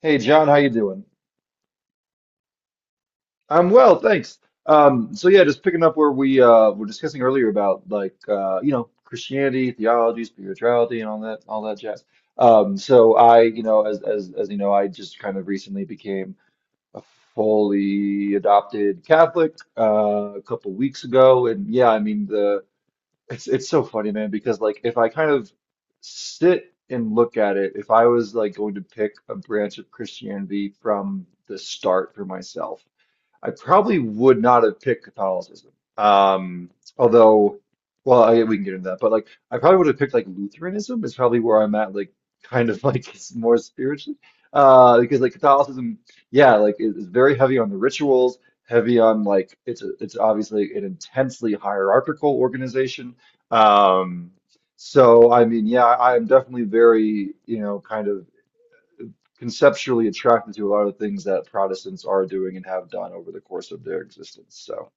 Hey John, how you doing? I'm well, thanks. So yeah, just picking up where we were discussing earlier about like Christianity, theology, spirituality, and all that jazz. So, as you know, I just kind of recently became a fully adopted Catholic a couple weeks ago, and yeah, I mean the it's so funny, man, because like if I kind of sit and look at it, if I was like going to pick a branch of Christianity from the start for myself, I probably would not have picked Catholicism. Um, Although, well, we can get into that. But like, I probably would have picked like Lutheranism is probably where I'm at. Like, kind of like it's more spiritually, because like Catholicism, yeah, like it's very heavy on the rituals, heavy on like it's obviously an intensely hierarchical organization. Um, so I mean, yeah, I'm definitely very kind of conceptually attracted to a lot of the things that Protestants are doing and have done over the course of their existence. So,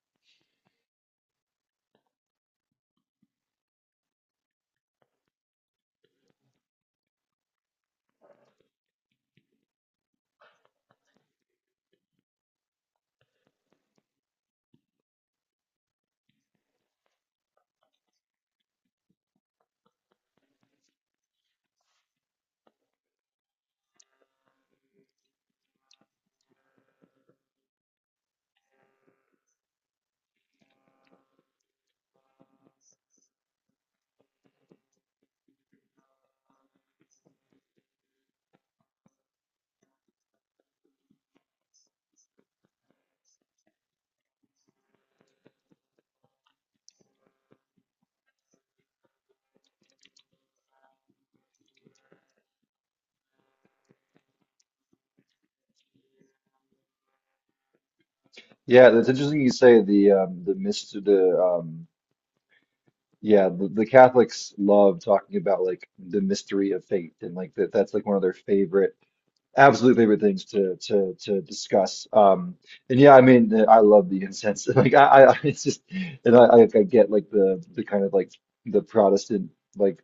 yeah, that's interesting you say the mystery the yeah the Catholics love talking about like the mystery of faith and like that's like one of their favorite, absolute favorite things to discuss. And yeah, I mean I love the incense. Like I it's just, and I get like the kind of like the Protestant, like.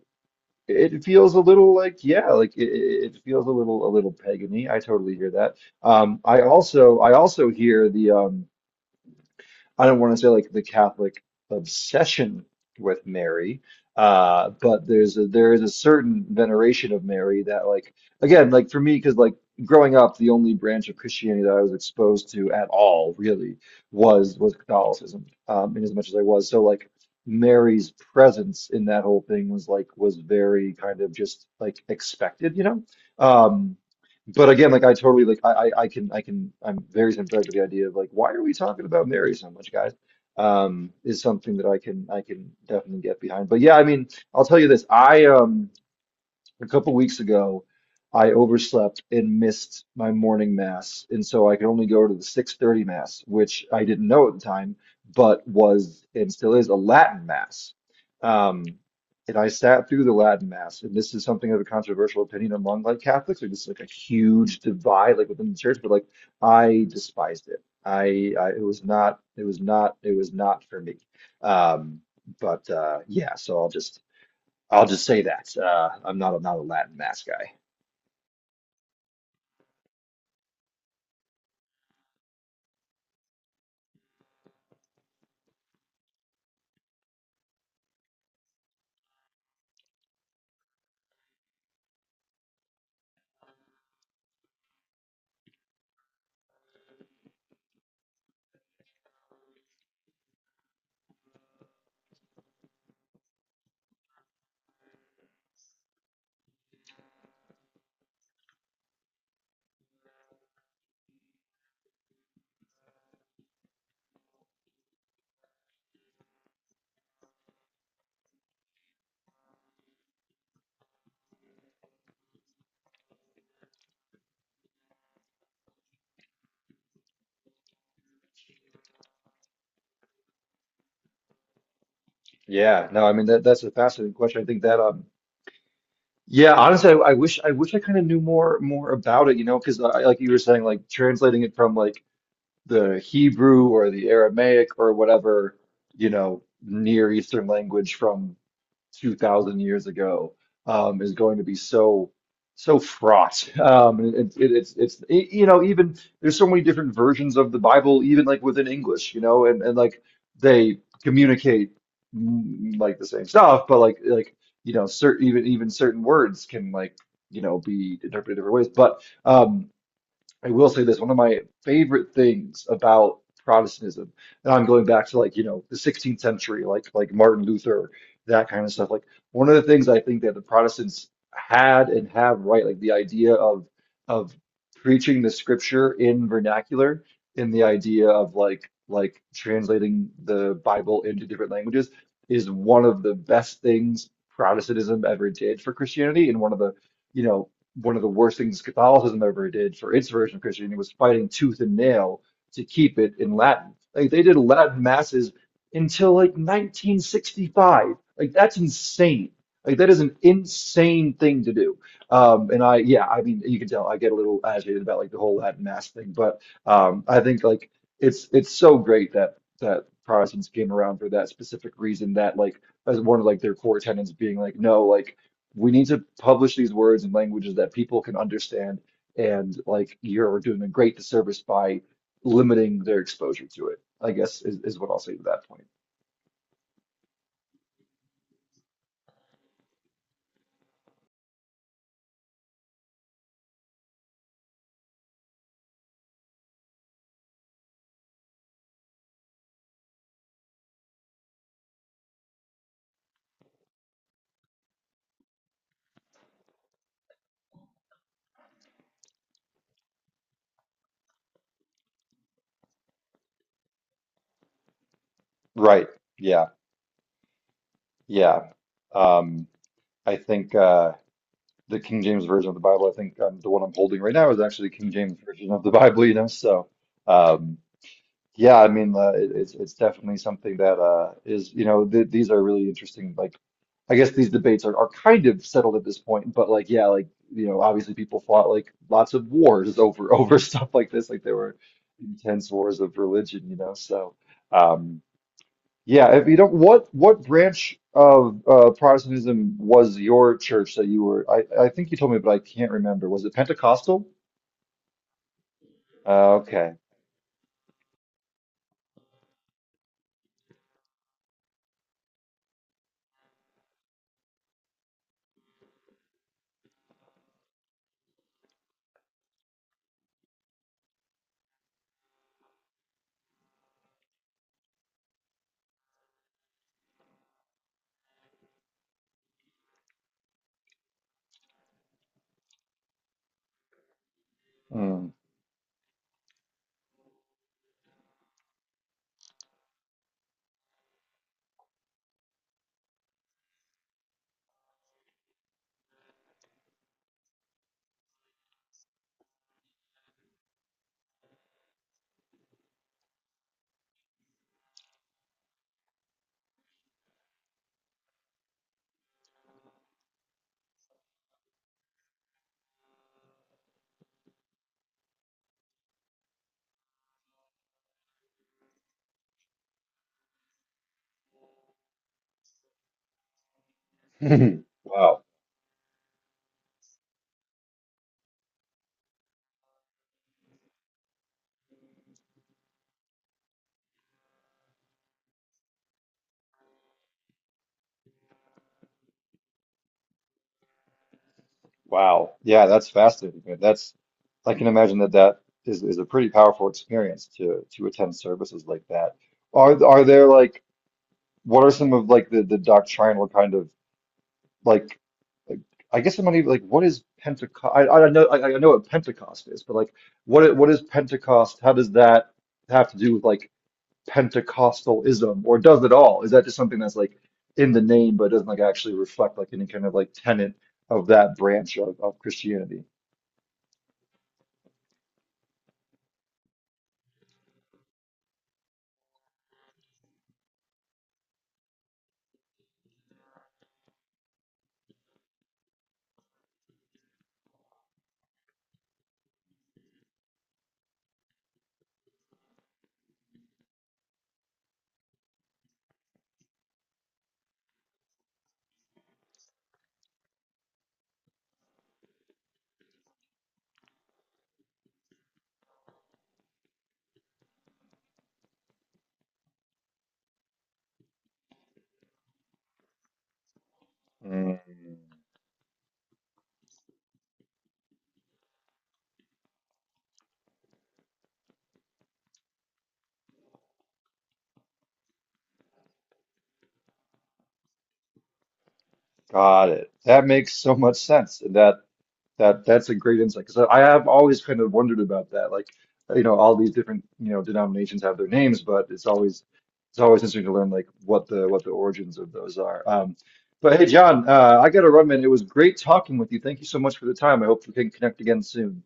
It feels a little like, yeah, like it feels a little pagany. I totally hear that. I also hear the, I don't want to say like the Catholic obsession with Mary, but there's a, there is a certain veneration of Mary that, like, again, like for me, because like growing up the only branch of Christianity that I was exposed to at all really was Catholicism, in as much as I was, so like Mary's presence in that whole thing was like was very kind of just like expected. Um, but again, like I totally, like, I'm very sympathetic to the idea of like why are we talking about Mary so much, guys? Is something that I can definitely get behind. But yeah, I mean, I'll tell you this. I A couple weeks ago, I overslept and missed my morning mass, and so I could only go to the 6:30 mass, which I didn't know at the time, but was and still is a Latin mass. Um, and I sat through the Latin mass, and this is something of a controversial opinion among like Catholics, or just like a huge divide like within the church, but like I despised it. I. It was not for me. Um, but yeah, so I'll just say that. I'm not a Latin mass guy. Yeah, no, I mean that's a fascinating question. I think, that yeah, honestly, I wish I kind of knew more about it, you know, because like you were saying, like translating it from like the Hebrew or the Aramaic or whatever, you know, Near Eastern language from 2,000 years ago is going to be so fraught. And it, it, it's it, you know even there's so many different versions of the Bible, even like within English, you know, and like they communicate, like the same stuff, but like certain, even certain words can like be interpreted different ways. But I will say this, one of my favorite things about Protestantism, and I'm going back to like, you know, the 16th century, like Martin Luther, that kind of stuff. Like one of the things I think that the Protestants had and have right, like the idea of preaching the scripture in vernacular, and the idea of like translating the Bible into different languages is one of the best things Protestantism ever did for Christianity, and you know, one of the worst things Catholicism ever did for its version of Christianity was fighting tooth and nail to keep it in Latin. Like they did Latin masses until like 1965. Like that's insane. Like that is an insane thing to do. And yeah, I mean, you can tell I get a little agitated about like the whole Latin mass thing, but I think like it's so great that Protestants came around for that specific reason, that like as one of like their core tenets being like, no, like we need to publish these words in languages that people can understand and like you're doing a great disservice by limiting their exposure to it, I guess, is what I'll say to that point. Right. Yeah. Yeah. Um, I think, the King James version of the Bible, I think, the one I'm holding right now is actually the King James version of the Bible. So, um, yeah, I mean, it's definitely something that is, you know, th these are really interesting, like. I guess these debates are kind of settled at this point, but like, yeah, like, obviously people fought like lots of wars over stuff like this. Like there were intense wars of religion. So, um yeah, if you don't what branch of Protestantism was your church that you were, I think you told me, but I can't remember. Was it Pentecostal? Okay. Hmm. Wow. Wow. Yeah, that's fascinating, man. That's, I can imagine that that is, a pretty powerful experience to attend services like that. Are there, like, what are some of, like, the doctrinal kind of, like, I guess I'm not even, like, what is Pentecost? I know, I know what Pentecost is, but like what is Pentecost? How does that have to do with like Pentecostalism or does it all? Is that just something that's like in the name but doesn't like actually reflect like any kind of like tenet of that branch of Christianity? Mm, got it. That makes so much sense. And that's a great insight because I have always kind of wondered about that. Like, all these different, denominations have their names, but it's always interesting to learn like what the origins of those are. But hey, John, I got to run, man. It was great talking with you. Thank you so much for the time. I hope we can connect again soon.